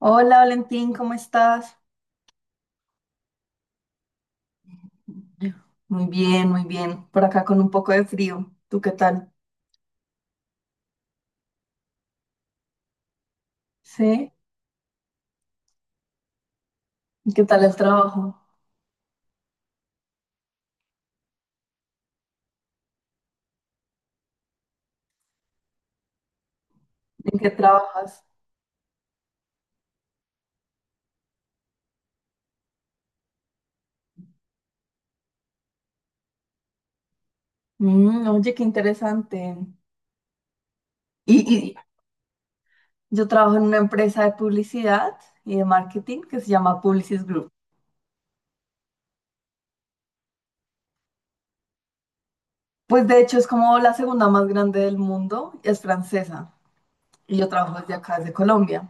Hola Valentín, ¿cómo estás? Muy bien, muy bien. Por acá con un poco de frío. ¿Tú qué tal? ¿Sí? ¿Y qué tal el trabajo? ¿En qué trabajas? Mm, oye, qué interesante. Y, y yo trabajo en una empresa de publicidad y de marketing que se llama Publicis Group. Pues de hecho es como la segunda más grande del mundo, es francesa. Y yo trabajo desde acá, desde Colombia.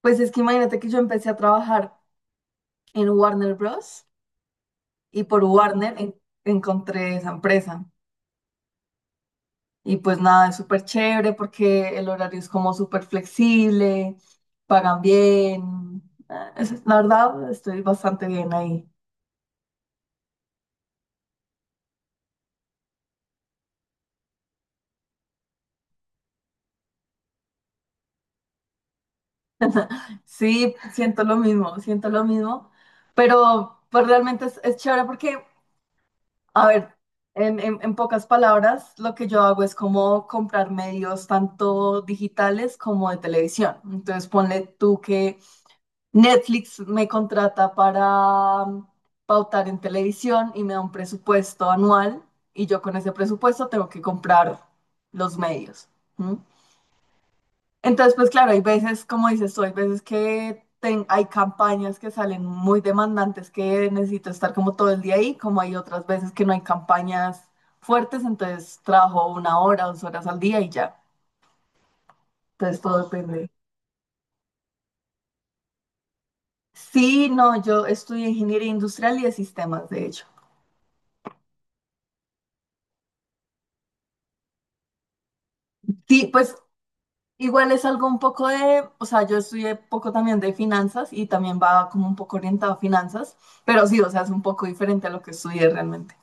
Pues es que imagínate que yo empecé a trabajar en Warner Bros. Y por Warner encontré esa empresa. Y pues nada, es súper chévere porque el horario es como súper flexible, pagan bien. Ah, la verdad, estoy bastante bien ahí. Sí, siento lo mismo, pero pues realmente es chévere porque, a ver, en pocas palabras, lo que yo hago es como comprar medios tanto digitales como de televisión. Entonces ponle tú que Netflix me contrata para pautar en televisión y me da un presupuesto anual y yo con ese presupuesto tengo que comprar los medios. ¿M? Entonces, pues claro, hay veces, como dices tú, hay veces que hay campañas que salen muy demandantes que necesito estar como todo el día ahí, como hay otras veces que no hay campañas fuertes, entonces trabajo 1 hora, 2 horas al día y ya. Entonces todo depende. Sí, no, yo estudié ingeniería industrial y de sistemas, de hecho. Sí, pues igual es algo un poco o sea, yo estudié poco también de finanzas y también va como un poco orientado a finanzas, pero sí, o sea, es un poco diferente a lo que estudié realmente.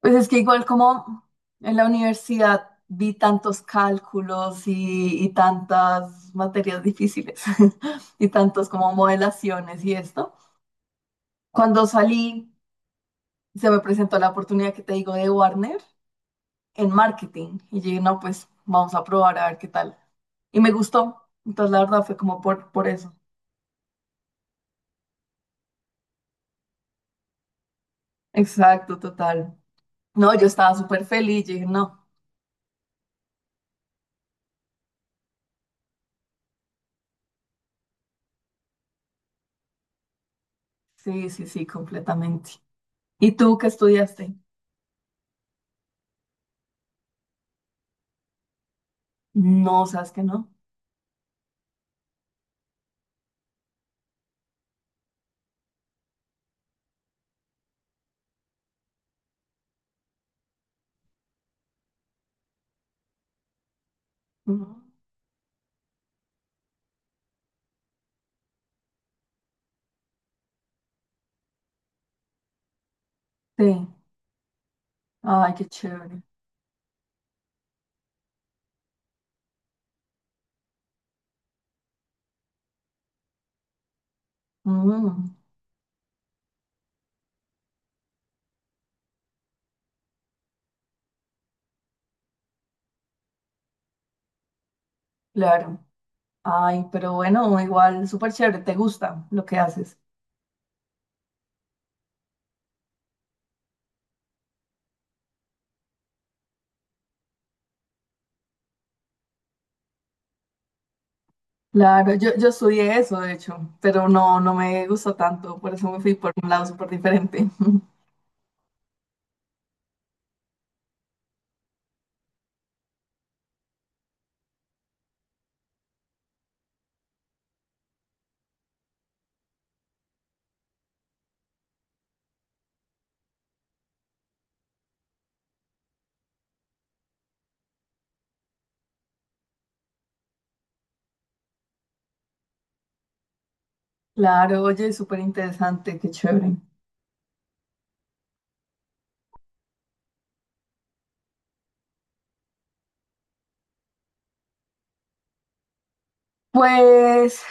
Pues es que igual como en la universidad vi tantos cálculos y tantas materias difíciles y tantos como modelaciones y esto. Cuando salí, se me presentó la oportunidad que te digo de Warner en marketing y dije, no, pues vamos a probar a ver qué tal. Y me gustó. Entonces, la verdad fue como por eso. Exacto, total. No, yo estaba súper feliz, yo dije, no, sí, sí, sí, completamente. ¿Y tú qué estudiaste? No, ¿sabes que no? No. Sí, ay, qué chévere. Mm, claro, ay, pero bueno, igual, súper chévere, te gusta lo que haces. Claro, yo estudié eso, de hecho, pero no, no me gustó tanto, por eso me fui por un lado súper diferente. Claro, oye, súper interesante, qué chévere. Pues...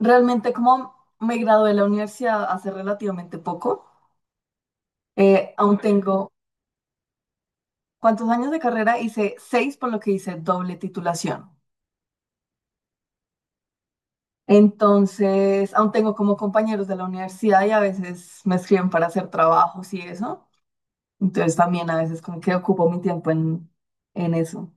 realmente como me gradué de la universidad hace relativamente poco, aún tengo cuántos años de carrera, hice seis, por lo que hice doble titulación. Entonces, aún tengo como compañeros de la universidad y a veces me escriben para hacer trabajos y eso. Entonces, también a veces como que ocupo mi tiempo en, eso.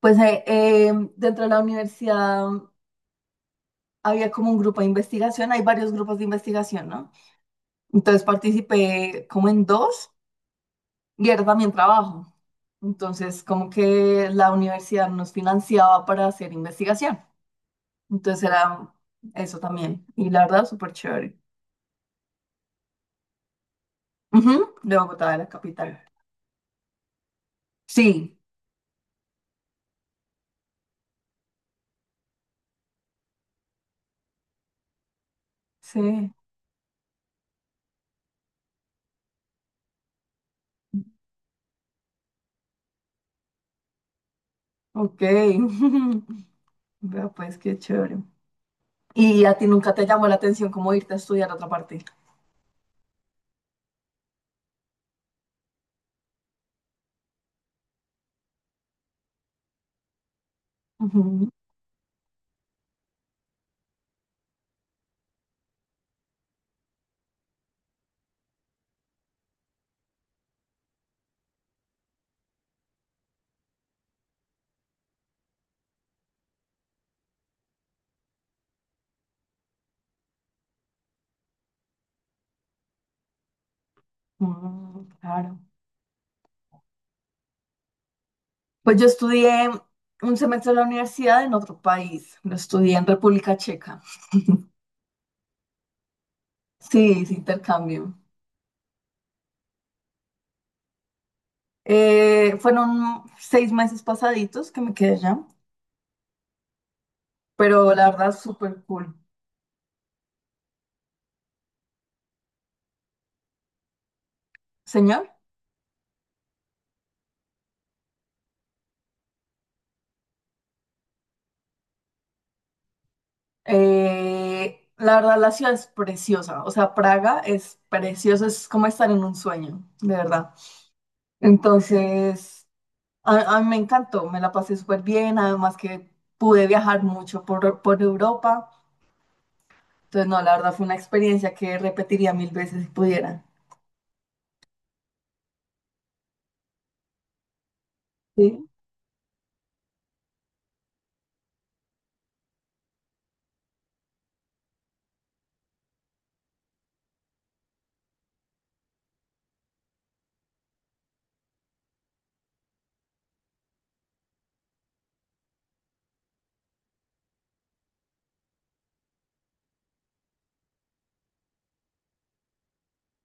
Pues dentro de la universidad había como un grupo de investigación, hay varios grupos de investigación, ¿no? Entonces participé como en dos. Y era también trabajo. Entonces, como que la universidad nos financiaba para hacer investigación. Entonces era eso también. Y la verdad, súper chévere. Ujú, de Bogotá, de la capital. Sí, sí, ok. Vea, pues qué chévere. ¿Y a ti nunca te llamó la atención cómo irte a estudiar a otra parte? Ujú, mm, claro. Pues yo estudié un semestre en la universidad en otro país. Lo estudié en República Checa. Sí, es intercambio. Fueron 6 meses pasaditos que me quedé allá, pero la verdad súper cool. Señor, la verdad la ciudad es preciosa, o sea, Praga es preciosa, es como estar en un sueño, de verdad. Entonces, a mí me encantó, me la pasé súper bien, además que pude viajar mucho por Europa, entonces no, la verdad fue una experiencia que repetiría mil veces si pudiera. Sí,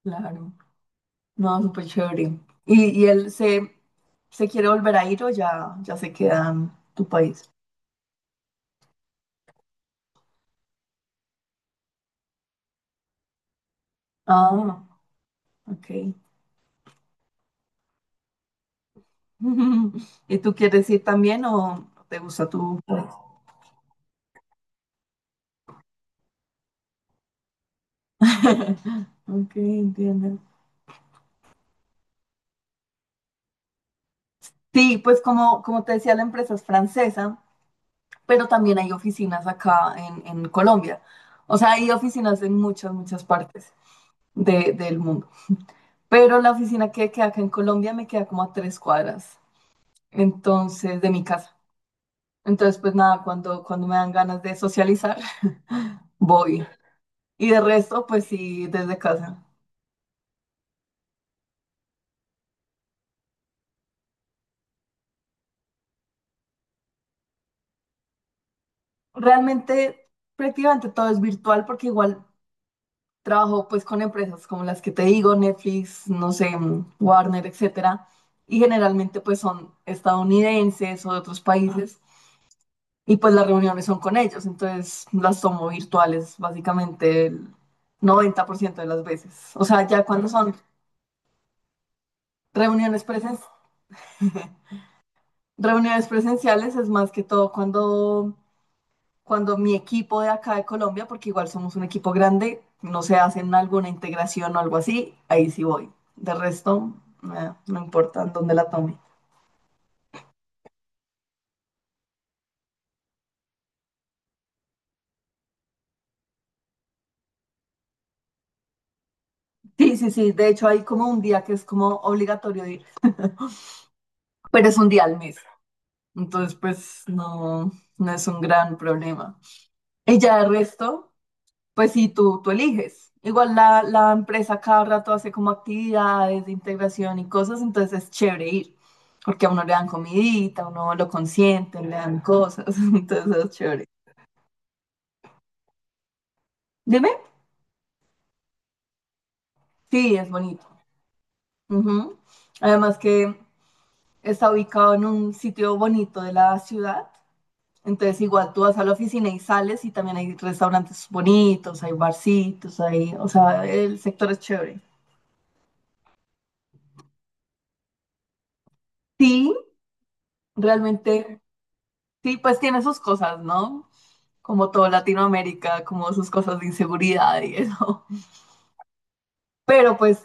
claro. No, súper chévere. ¿Y él se quiere volver a ir o ya, ya se queda en tu país? Ah, ok. ¿Y tú quieres ir también o te gusta tu país? Ok, entiendo. Sí, pues como te decía, la empresa es francesa, pero también hay oficinas acá en, Colombia. O sea, hay oficinas en muchas, muchas partes del mundo. Pero la oficina que queda acá en Colombia me queda como a 3 cuadras, entonces, de mi casa. Entonces, pues nada, cuando me dan ganas de socializar, voy. Y de resto, pues sí, desde casa. Realmente, prácticamente todo es virtual porque igual trabajo pues con empresas como las que te digo, Netflix, no sé, Warner, etcétera. Y generalmente pues son estadounidenses o de otros países y pues las reuniones son con ellos. Entonces las tomo virtuales básicamente el 90% de las veces. O sea, ya cuando son reuniones presenciales. Reuniones presenciales es más que todo cuando mi equipo de acá de Colombia, porque igual somos un equipo grande, no se hacen alguna integración o algo así, ahí sí voy. De resto, no importa en dónde la tome. Sí, sí, sí, de hecho hay como un día que es como obligatorio ir, pero es un día al mes. Entonces, pues no, no es un gran problema. Y ya de resto. Pues sí, tú eliges. Igual la empresa cada rato hace como actividades de integración y cosas, entonces es chévere ir, porque a uno le dan comidita, a uno lo consienten, le dan cosas, entonces es chévere. Dime, sí, es bonito. Ujú. Además que está ubicado en un sitio bonito de la ciudad, entonces igual tú vas a la oficina y sales y también hay restaurantes bonitos, hay barcitos, o sea, el sector es chévere. Sí, realmente. Sí, pues tiene sus cosas, ¿no? Como todo Latinoamérica, como sus cosas de inseguridad y eso. Pero pues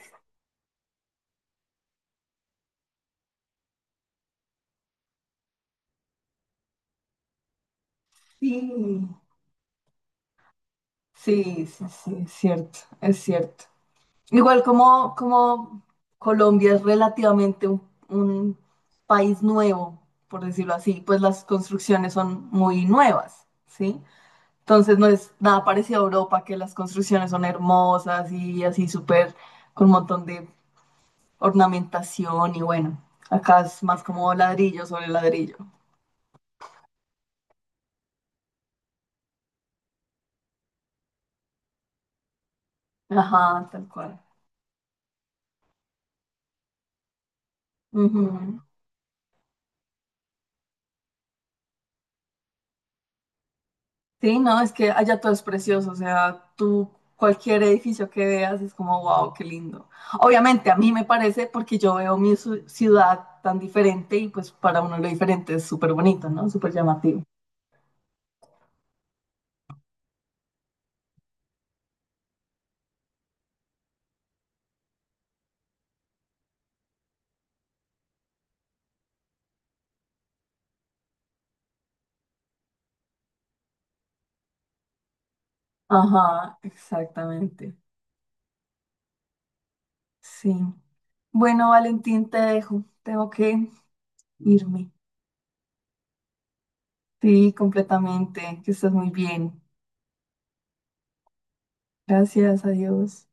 sí, sí, sí, sí, es cierto, es cierto. Igual como Colombia es relativamente un, país nuevo, por decirlo así, pues las construcciones son muy nuevas, ¿sí? Entonces no es nada parecido a Europa, que las construcciones son hermosas y así súper, con un montón de ornamentación y bueno, acá es más como ladrillo sobre ladrillo. Ajá, tal cual. Ujú. Sí, no, es que allá todo es precioso, o sea, tú cualquier edificio que veas es como, wow, qué lindo. Obviamente a mí me parece porque yo veo mi ciudad tan diferente y pues para uno lo diferente es súper bonito, ¿no? Súper llamativo. Ajá, exactamente. Sí. Bueno, Valentín, te dejo. Tengo que irme. Sí, completamente. Que estés muy bien. Gracias a Dios.